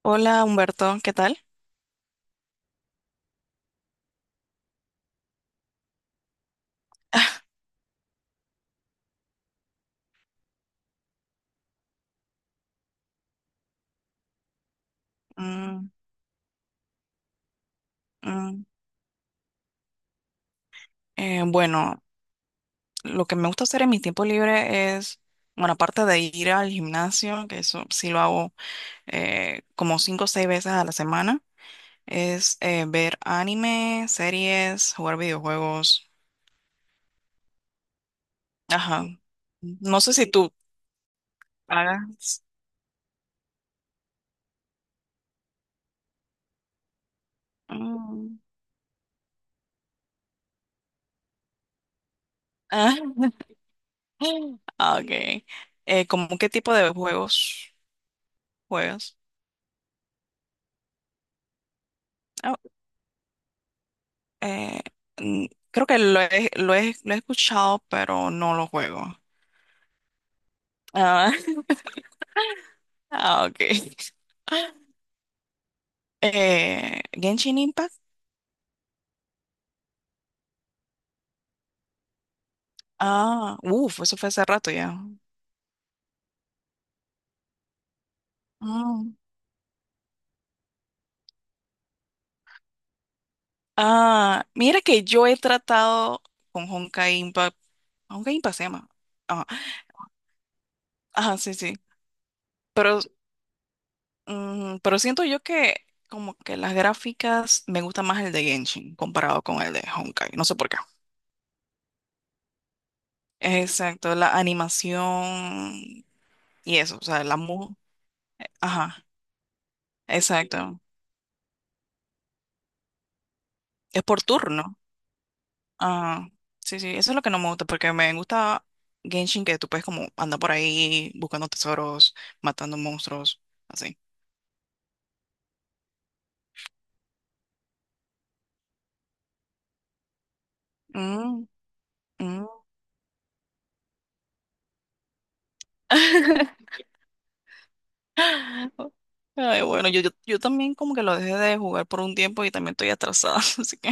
Hola Humberto, ¿qué tal? Mm. Mm, eh, bueno, lo que me gusta hacer en mi tiempo libre es, bueno, aparte de ir al gimnasio, que eso sí lo hago como cinco o seis veces a la semana, es ver anime, series, jugar videojuegos. Ajá. No sé si tú hagas. Mm, ah, ah, ok. ¿Cómo qué tipo de juegos juegas? Eh, mm, Creo que lo he escuchado, pero no lo juego. Ah, ah, ok. Genshin Impact. Ah, uff, eso fue hace rato ya. Mm. Ah, mira que yo he tratado con Honkai Impact. Honkai Impact se llama. Ajá, ajá, sí, sí. Pero, pero, siento yo que como que las gráficas me gusta más el de Genshin comparado con el de Honkai. No sé por qué. Exacto, la animación. Y eso, o sea, la mu. Ajá, exacto. Es por turno. Ah, sí, sí, eso es lo que no me gusta, porque me gusta Genshin, que tú puedes como andar por ahí buscando tesoros, matando monstruos, así. Mm, mm. Ay, bueno, yo también como que lo dejé de jugar por un tiempo y también estoy atrasada, así que.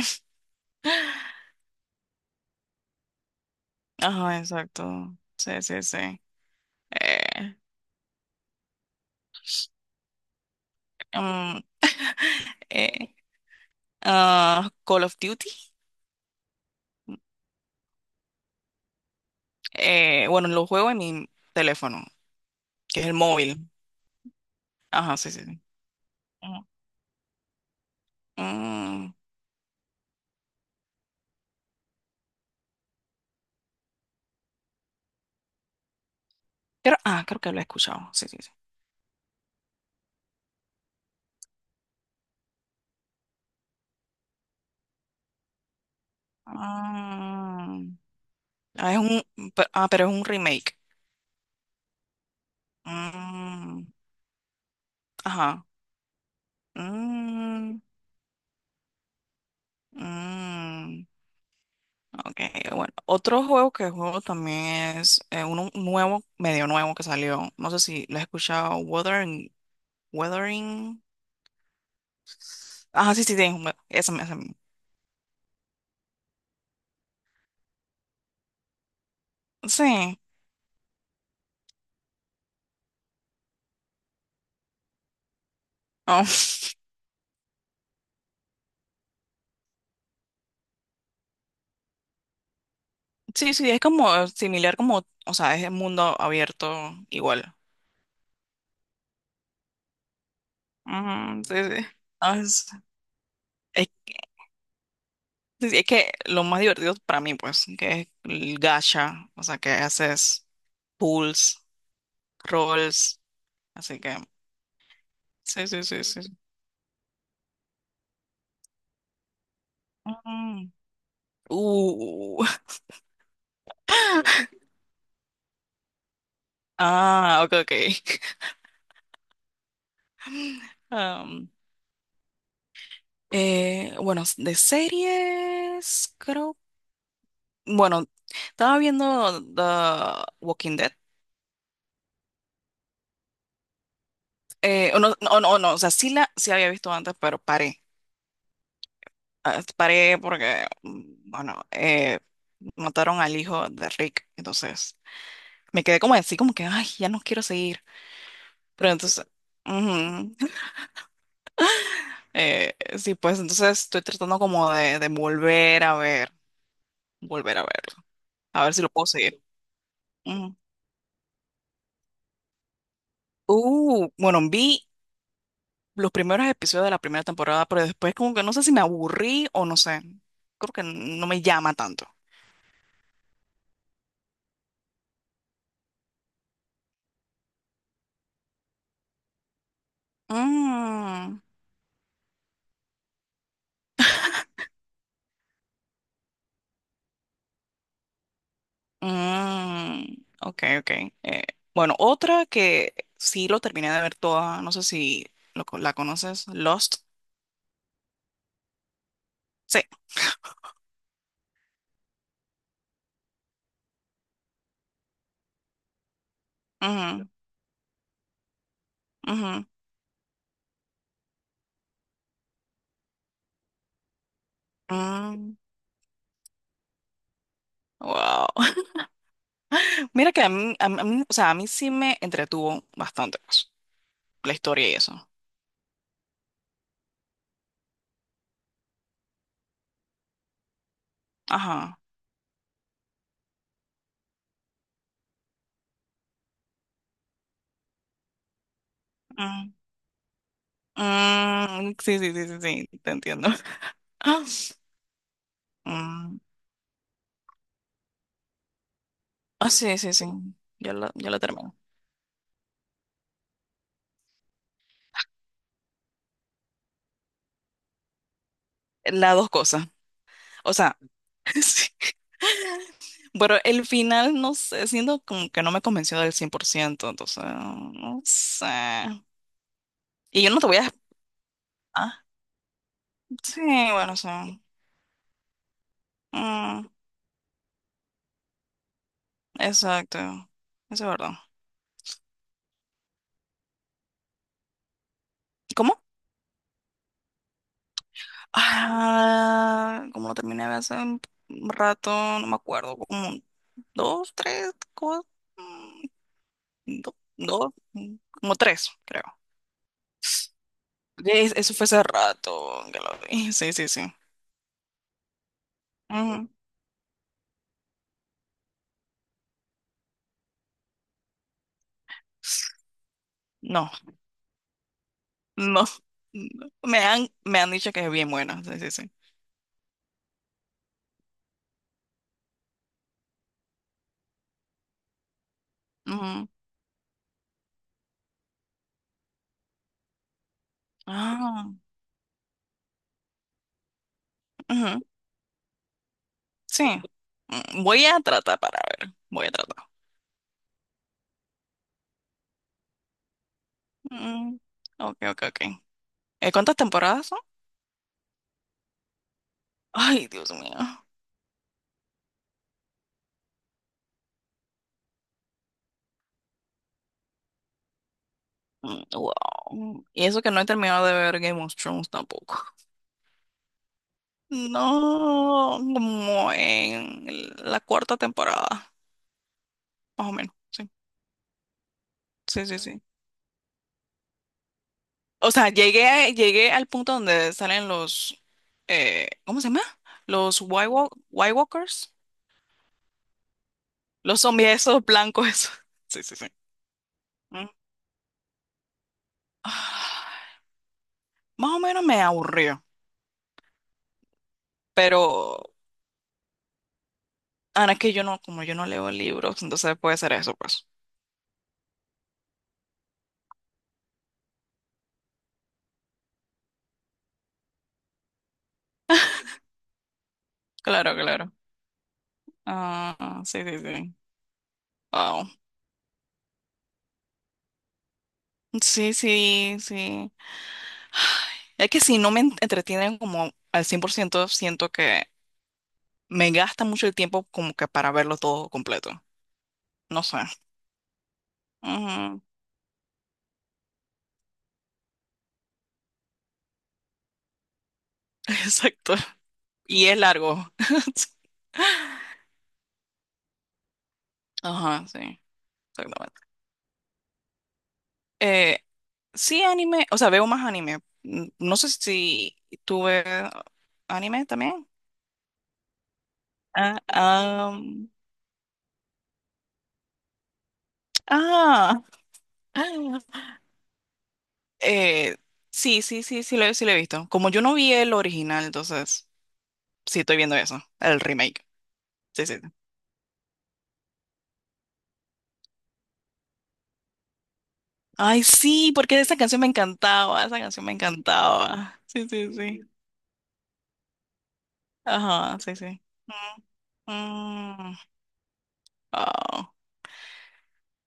Ajá, exacto. Sí, sí, sí. Eh, mm, eh, ah, Call of Duty. Bueno, lo juego en mi teléfono. Que es el móvil. Ajá, sí, sí, sí. Ujú. Mm, pero, ah, creo que lo he escuchado. Sí, sí, sí. Ah, ah, es un, ah, pero es un remake. Mm, ajá. Mm, mm, ok, bueno. Otro juego que juego también es uno nuevo, medio nuevo que salió. No sé si lo has escuchado. Wuthering. Wuthering. Ajá, sí, sí, sí. Ese mismo. Sí. Oh. Sí, sí, es como similar como, o sea, es el mundo abierto igual. Ujú, sí, sí. Ah, es que sí, es que lo más divertido para mí, pues, que es el gacha, o sea, que haces pulls, rolls, así que, sí, sí, sí, sí, sí. Mm. Uh. Ah, ok, ok. Um, bueno, de series, creo, bueno, estaba viendo The Walking Dead. O no, no, no, no, o sea, sí había visto antes, pero paré. Ah, paré porque, bueno, mataron al hijo de Rick. Entonces, me quedé como así, como que, ay, ya no quiero seguir. Pero entonces, ujú, sí, pues entonces estoy tratando como de volver a ver, volver a verlo, a ver si lo puedo seguir. Ujú. Bueno, vi los primeros episodios de la primera temporada, pero después como que no sé si me aburrí o no sé. Creo que no me llama tanto. Mm. Mm, ok, ok. Eh, bueno, otra que sí lo terminé de ver toda, no sé si la conoces, Lost. Sí. Ujú, ujú, mm, wow. Mira que a mí, o sea, a mí sí me entretuvo bastante pues, la historia y eso. Ajá. Mm, mm, sí, sí, sí, sí, sí, te entiendo. Mm, ah, sí, sí, sí. Yo lo termino. Las dos cosas. O sea, sí. Pero el final, no sé, siento como que no me convenció del 100% entonces, no sé. Y yo no te voy a... Ah, sí, bueno, sí. Mm, exacto. Eso es verdad. ¿Cómo? Ah, como lo terminé de hace un rato, no me acuerdo, como dos, tres, cuatro, dos, dos, como tres, creo. Eso fue hace rato que lo vi. Sí, sí, sí. Ujú. No. No, no. Me han dicho que es bien buena. Sí, sí, sí. Ujú. Ah, ujú, sí. Mm, voy a tratar para ver. Voy a tratar. Mm, ok, ok, ok. ¿Cuántas temporadas son? Ay, Dios mío. Mm, wow. Y eso que no he terminado de ver Game of Thrones tampoco. No, como en la cuarta temporada, más o menos. Sí, sí, sí, sí. O sea, llegué, llegué al punto donde salen los, ¿cómo se llama? Los White, White Walkers, los zombies esos blancos esos. Sí, sí, sí. Mm. Ah, más o menos me aburrió, pero ahora es que yo no, como yo no leo libros, entonces puede ser eso, pues. Claro, claro. Ah, sí, sí, sí. Wow. Sí, sí, sí. Ay, es que si no me entretienen como al 100% siento que me gasta mucho el tiempo como que para verlo todo completo. No sé. Ujú, exacto. Y es largo. Ajá, sí, exactamente. Eh, sí, anime, o sea, veo más anime. No sé si tú ves anime también. Ah, ah, eh, sí, sí, sí, sí lo he visto. Como yo no vi el original, entonces sí estoy viendo eso, el remake. Sí, sí. Ay, sí, porque esa canción me encantaba, esa canción me encantaba. Sí, sí, sí. Ajá, sí, sí. Mm, mm, ah.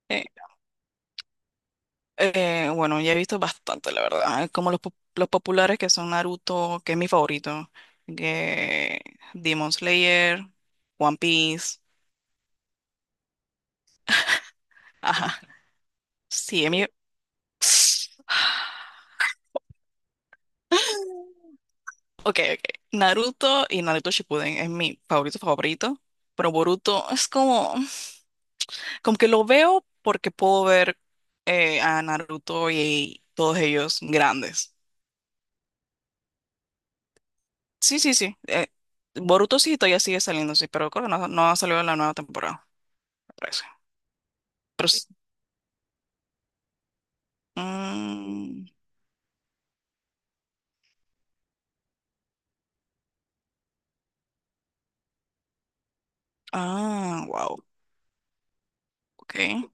Eh, bueno, ya he visto bastante, la verdad. Como los populares que son Naruto, que es mi favorito, que Demon Slayer, One Piece. Ajá. Sí, es mi... Ok, ok. Naruto y Naruto Shippuden es mi favorito favorito. Pero Boruto es como... Como que lo veo porque puedo ver a Naruto y todos ellos grandes. Sí, sí, sí. Boruto sí todavía sigue saliendo, sí, pero creo que no, no ha salido la nueva temporada, me parece. Pero sí. Mm, ah, wow. Ok.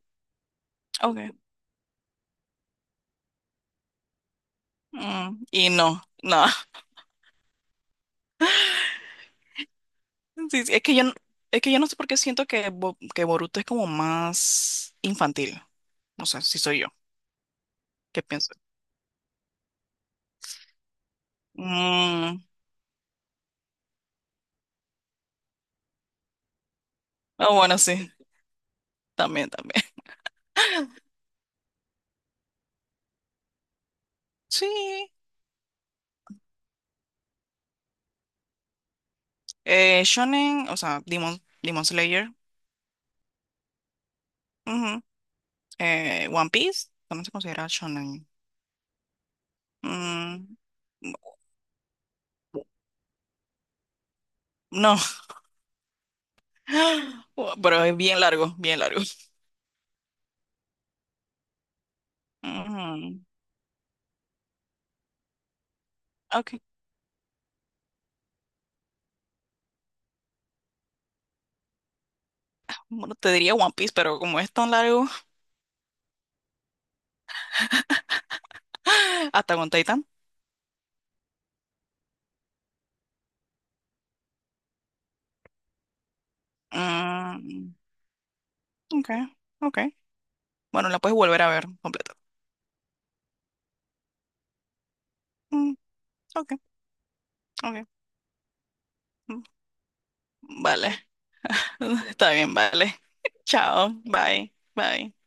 Ok. Mm, y no, no. Sí, sí, es que yo, es que yo no sé por qué siento que, que Boruto es como más infantil. No sé si soy yo. ¿Qué pienso? Mm, ah, bueno, sí. También, también. Sí. Shonen, o sea, Demon Slayer. Ujú. One Piece. También se considera shonen. Mm, no, pero es bien largo, bien largo. Mm, ok, bueno, te diría One Piece, pero como es tan largo, hasta con Titan. Mm, ok, ok. Bueno, la puedes volver a ver completa. Mm, ok, ok. Mm, vale, está bien, vale. Chao, bye, bye.